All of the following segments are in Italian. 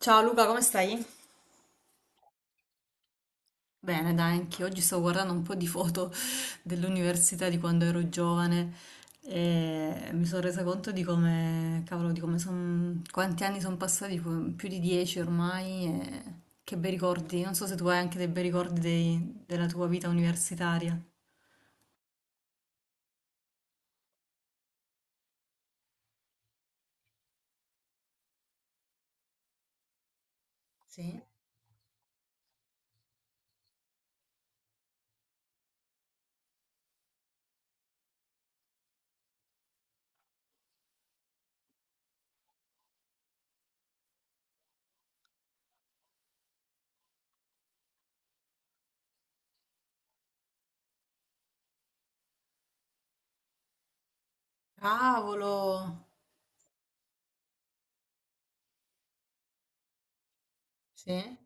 Ciao Luca, come stai? Bene, dai, anche oggi stavo guardando un po' di foto dell'università di quando ero giovane e mi sono resa conto di come, cavolo, quanti anni sono passati, più di 10 ormai, e che bei ricordi. Non so se tu hai anche dei bei ricordi della tua vita universitaria. Sì. Cavolo! Sì?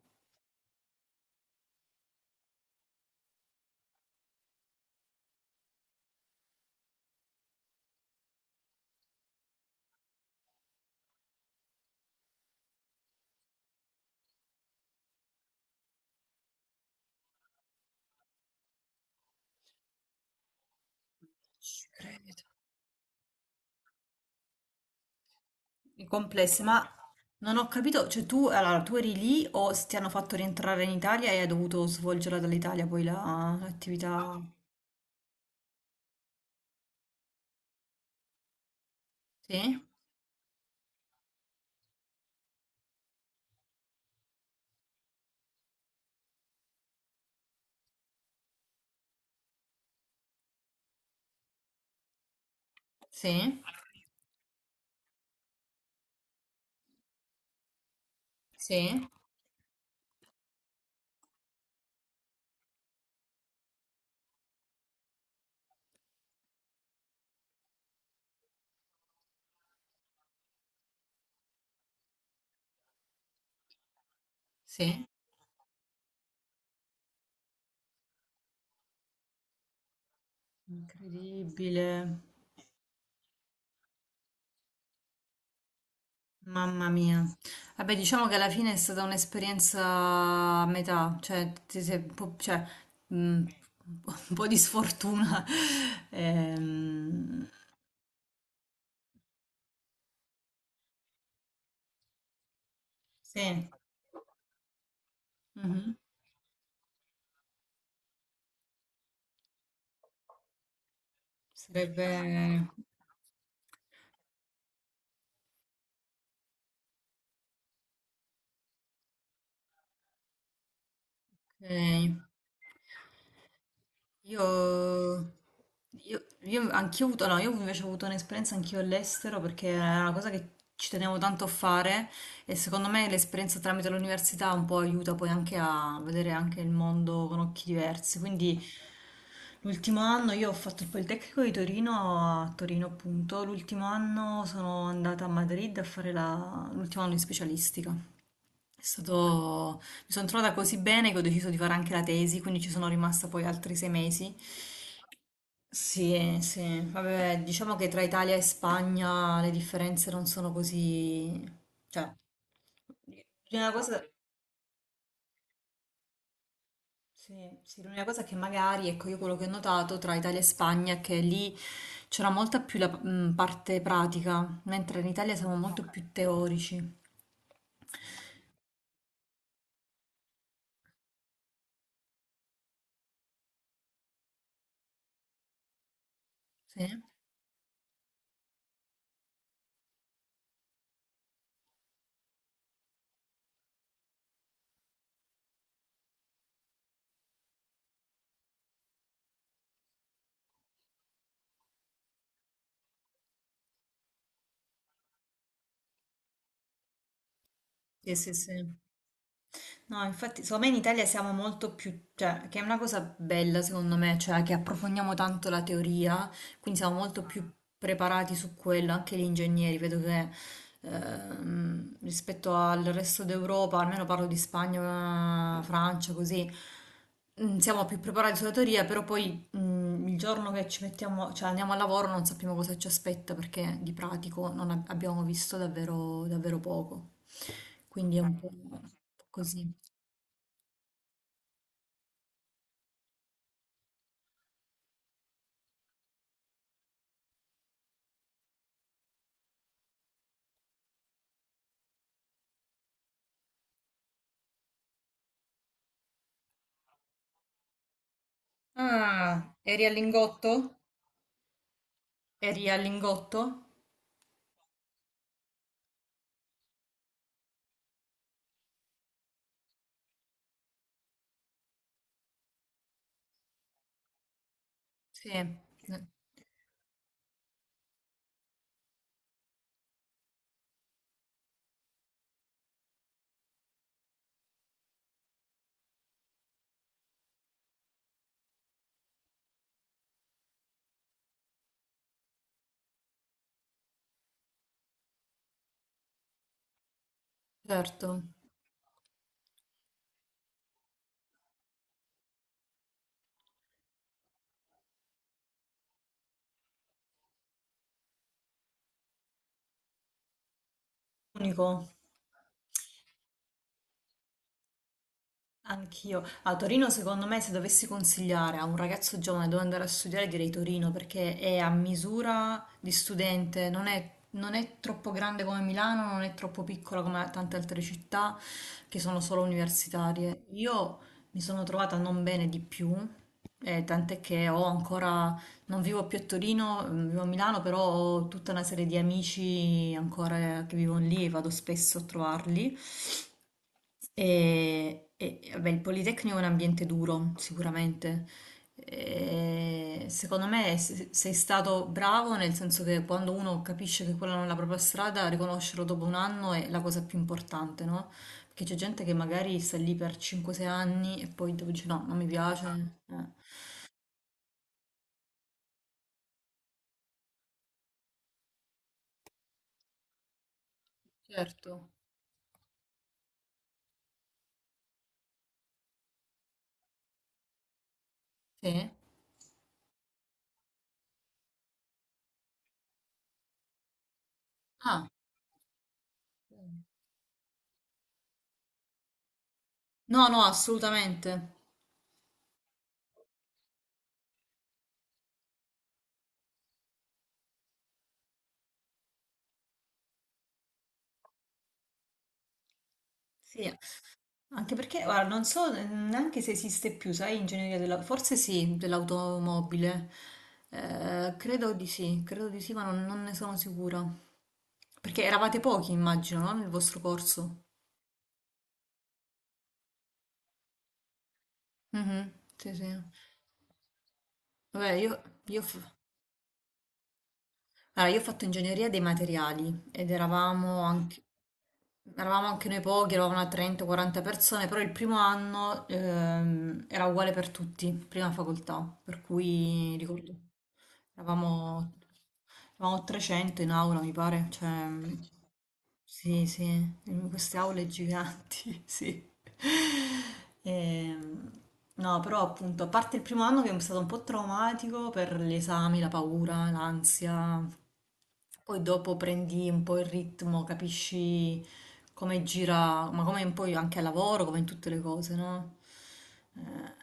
Ci credo. I complessi, ma non ho capito, cioè tu, allora, tu eri lì o ti hanno fatto rientrare in Italia e hai dovuto svolgerla dall'Italia poi l'attività? Sì, sì, sì, sì. Incredibile, mamma mia. Vabbè, diciamo che alla fine è stata un'esperienza a metà, cioè, ti sei un po', cioè, mm, un po' di sfortuna. Ehm, sì, mhm. Sarebbe. Ok. Io, io anch'io ho avuto, no, io invece ho avuto un'esperienza anch'io all'estero perché era una cosa che ci tenevo tanto a fare e secondo me l'esperienza tramite l'università un po' aiuta poi anche a vedere anche il mondo con occhi diversi. Quindi l'ultimo anno io ho fatto il Politecnico di Torino a Torino appunto, l'ultimo anno sono andata a Madrid a fare l'ultimo anno di specialistica. È stato. Mi sono trovata così bene che ho deciso di fare anche la tesi, quindi ci sono rimasta poi altri 6 mesi. Sì, sì, vabbè, diciamo che tra Italia e Spagna le differenze non sono così. Cioè, l'unica cosa. Sì, sì, l'unica cosa che magari, ecco, io quello che ho notato tra Italia e Spagna è che lì c'era molta più la parte pratica, mentre in Italia siamo molto più teorici. Sì, sì, sì. Sì. No, infatti, secondo me in Italia siamo molto più, cioè, che è una cosa bella secondo me, cioè che approfondiamo tanto la teoria, quindi siamo molto più preparati su quello, anche gli ingegneri, vedo che rispetto al resto d'Europa, almeno parlo di Spagna, Francia, così, siamo più preparati sulla teoria, però poi il giorno che ci mettiamo, cioè andiamo al lavoro non sappiamo cosa ci aspetta perché di pratico non abbiamo visto davvero, davvero poco, quindi è un po' così. Ah, eri al Lingotto? Eri al Lingotto? Sì, certo. Unico. Anch'io. A Torino, secondo me, se dovessi consigliare a un ragazzo giovane dove andare a studiare, direi Torino perché è a misura di studente, non è, non è troppo grande come Milano, non è troppo piccola come tante altre città che sono solo universitarie. Io mi sono trovata non bene di più, tant'è che ho ancora, non vivo più a Torino, vivo a Milano, però ho tutta una serie di amici ancora che vivono lì e vado spesso a trovarli. Vabbè, il Politecnico è un ambiente duro, sicuramente. E secondo me sei stato bravo nel senso che quando uno capisce che quella non è la propria strada, riconoscerlo dopo un anno è la cosa più importante, no? Perché c'è gente che magari sta lì per 5-6 anni e poi dopo dice no, non mi piace. Certo. Sì? Ah, no, no, assolutamente. Sì. Anche perché, guarda, non so neanche se esiste più, sai, ingegneria forse sì, dell'automobile. Credo di sì, ma non ne sono sicura. Perché eravate pochi, immagino, no? Nel vostro corso. Mhm, sì, sì. Vabbè, allora, io ho fatto ingegneria dei materiali ed eravamo anche. Eravamo anche noi pochi, eravamo una 30-40 persone, però il primo anno era uguale per tutti, prima facoltà, per cui ricordo, eravamo, eravamo 300 in aula, mi pare, cioè, sì, sì, in queste aule giganti, sì. Ehm, no, però appunto, a parte il primo anno che è stato un po' traumatico per gli esami, la paura, l'ansia, poi dopo prendi un po' il ritmo, capisci come gira, ma come poi anche al lavoro, come in tutte le cose, no? Eh,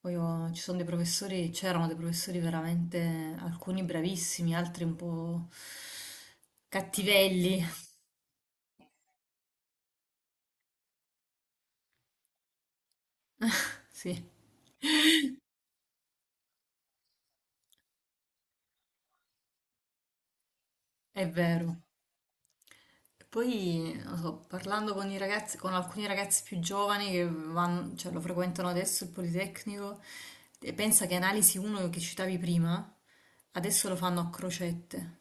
poi ci sono dei professori, c'erano dei professori veramente, alcuni bravissimi, altri un po' cattivelli. Sì, è vero. E poi, non so, parlando con i ragazzi, con alcuni ragazzi più giovani cioè, lo frequentano adesso il Politecnico, e pensa che Analisi 1 che citavi prima, adesso lo fanno a crocette.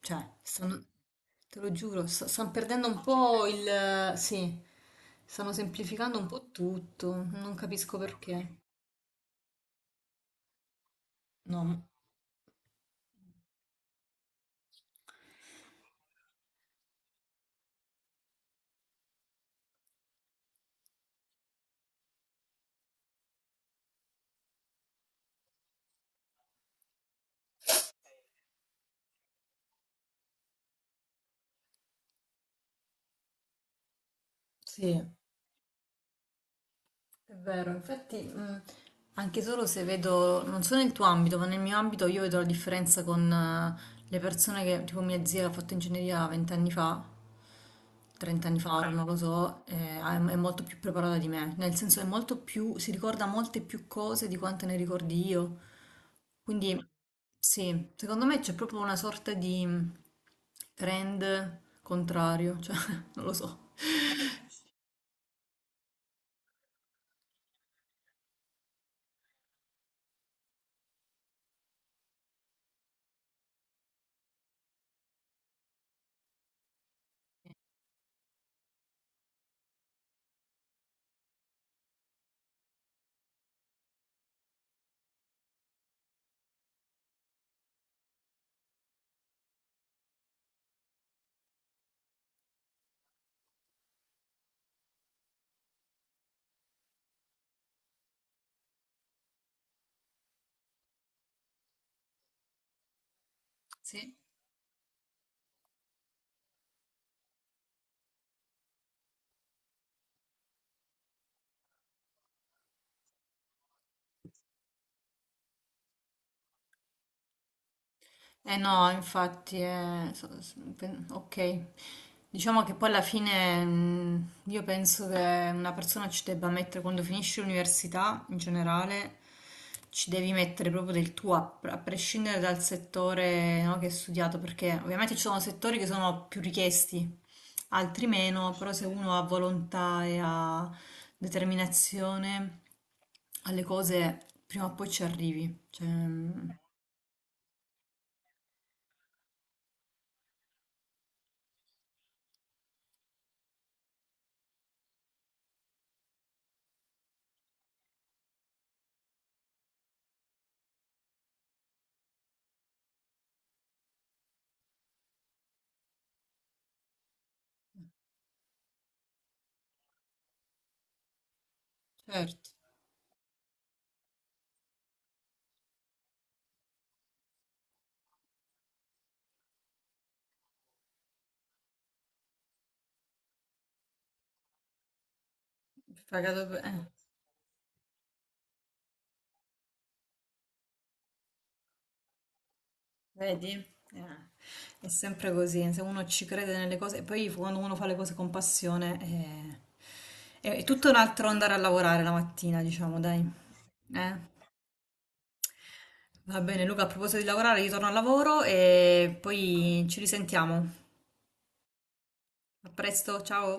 Cioè, te lo giuro, stanno perdendo un po' il. Sì, stanno semplificando un po' tutto, non capisco perché. No, sì. È vero, infatti, anche solo se vedo, non so nel tuo ambito, ma nel mio ambito io vedo la differenza con le persone che, tipo mia zia che ha fatto ingegneria 20 anni fa, 30 anni fa, ora non lo so, è molto più preparata di me, nel senso è molto più, si ricorda molte più cose di quante ne ricordi io. Quindi, sì, secondo me c'è proprio una sorta di trend contrario, cioè, non lo so. Sì. Eh no, infatti, ok. Diciamo che poi alla fine io penso che una persona ci debba mettere, quando finisci l'università in generale, ci devi mettere proprio del tuo, a prescindere dal settore, no, che hai studiato, perché ovviamente ci sono settori che sono più richiesti, altri meno, però se uno ha volontà e ha determinazione alle cose, prima o poi ci arrivi. Cioè, certo. Pagato per- eh, vedi? Eh, è sempre così, se uno ci crede nelle cose, e poi quando uno fa le cose con passione è tutto un altro andare a lavorare la mattina, diciamo, dai. Eh? Va bene, Luca, a proposito di lavorare, io torno al lavoro e poi ci risentiamo. A presto, ciao!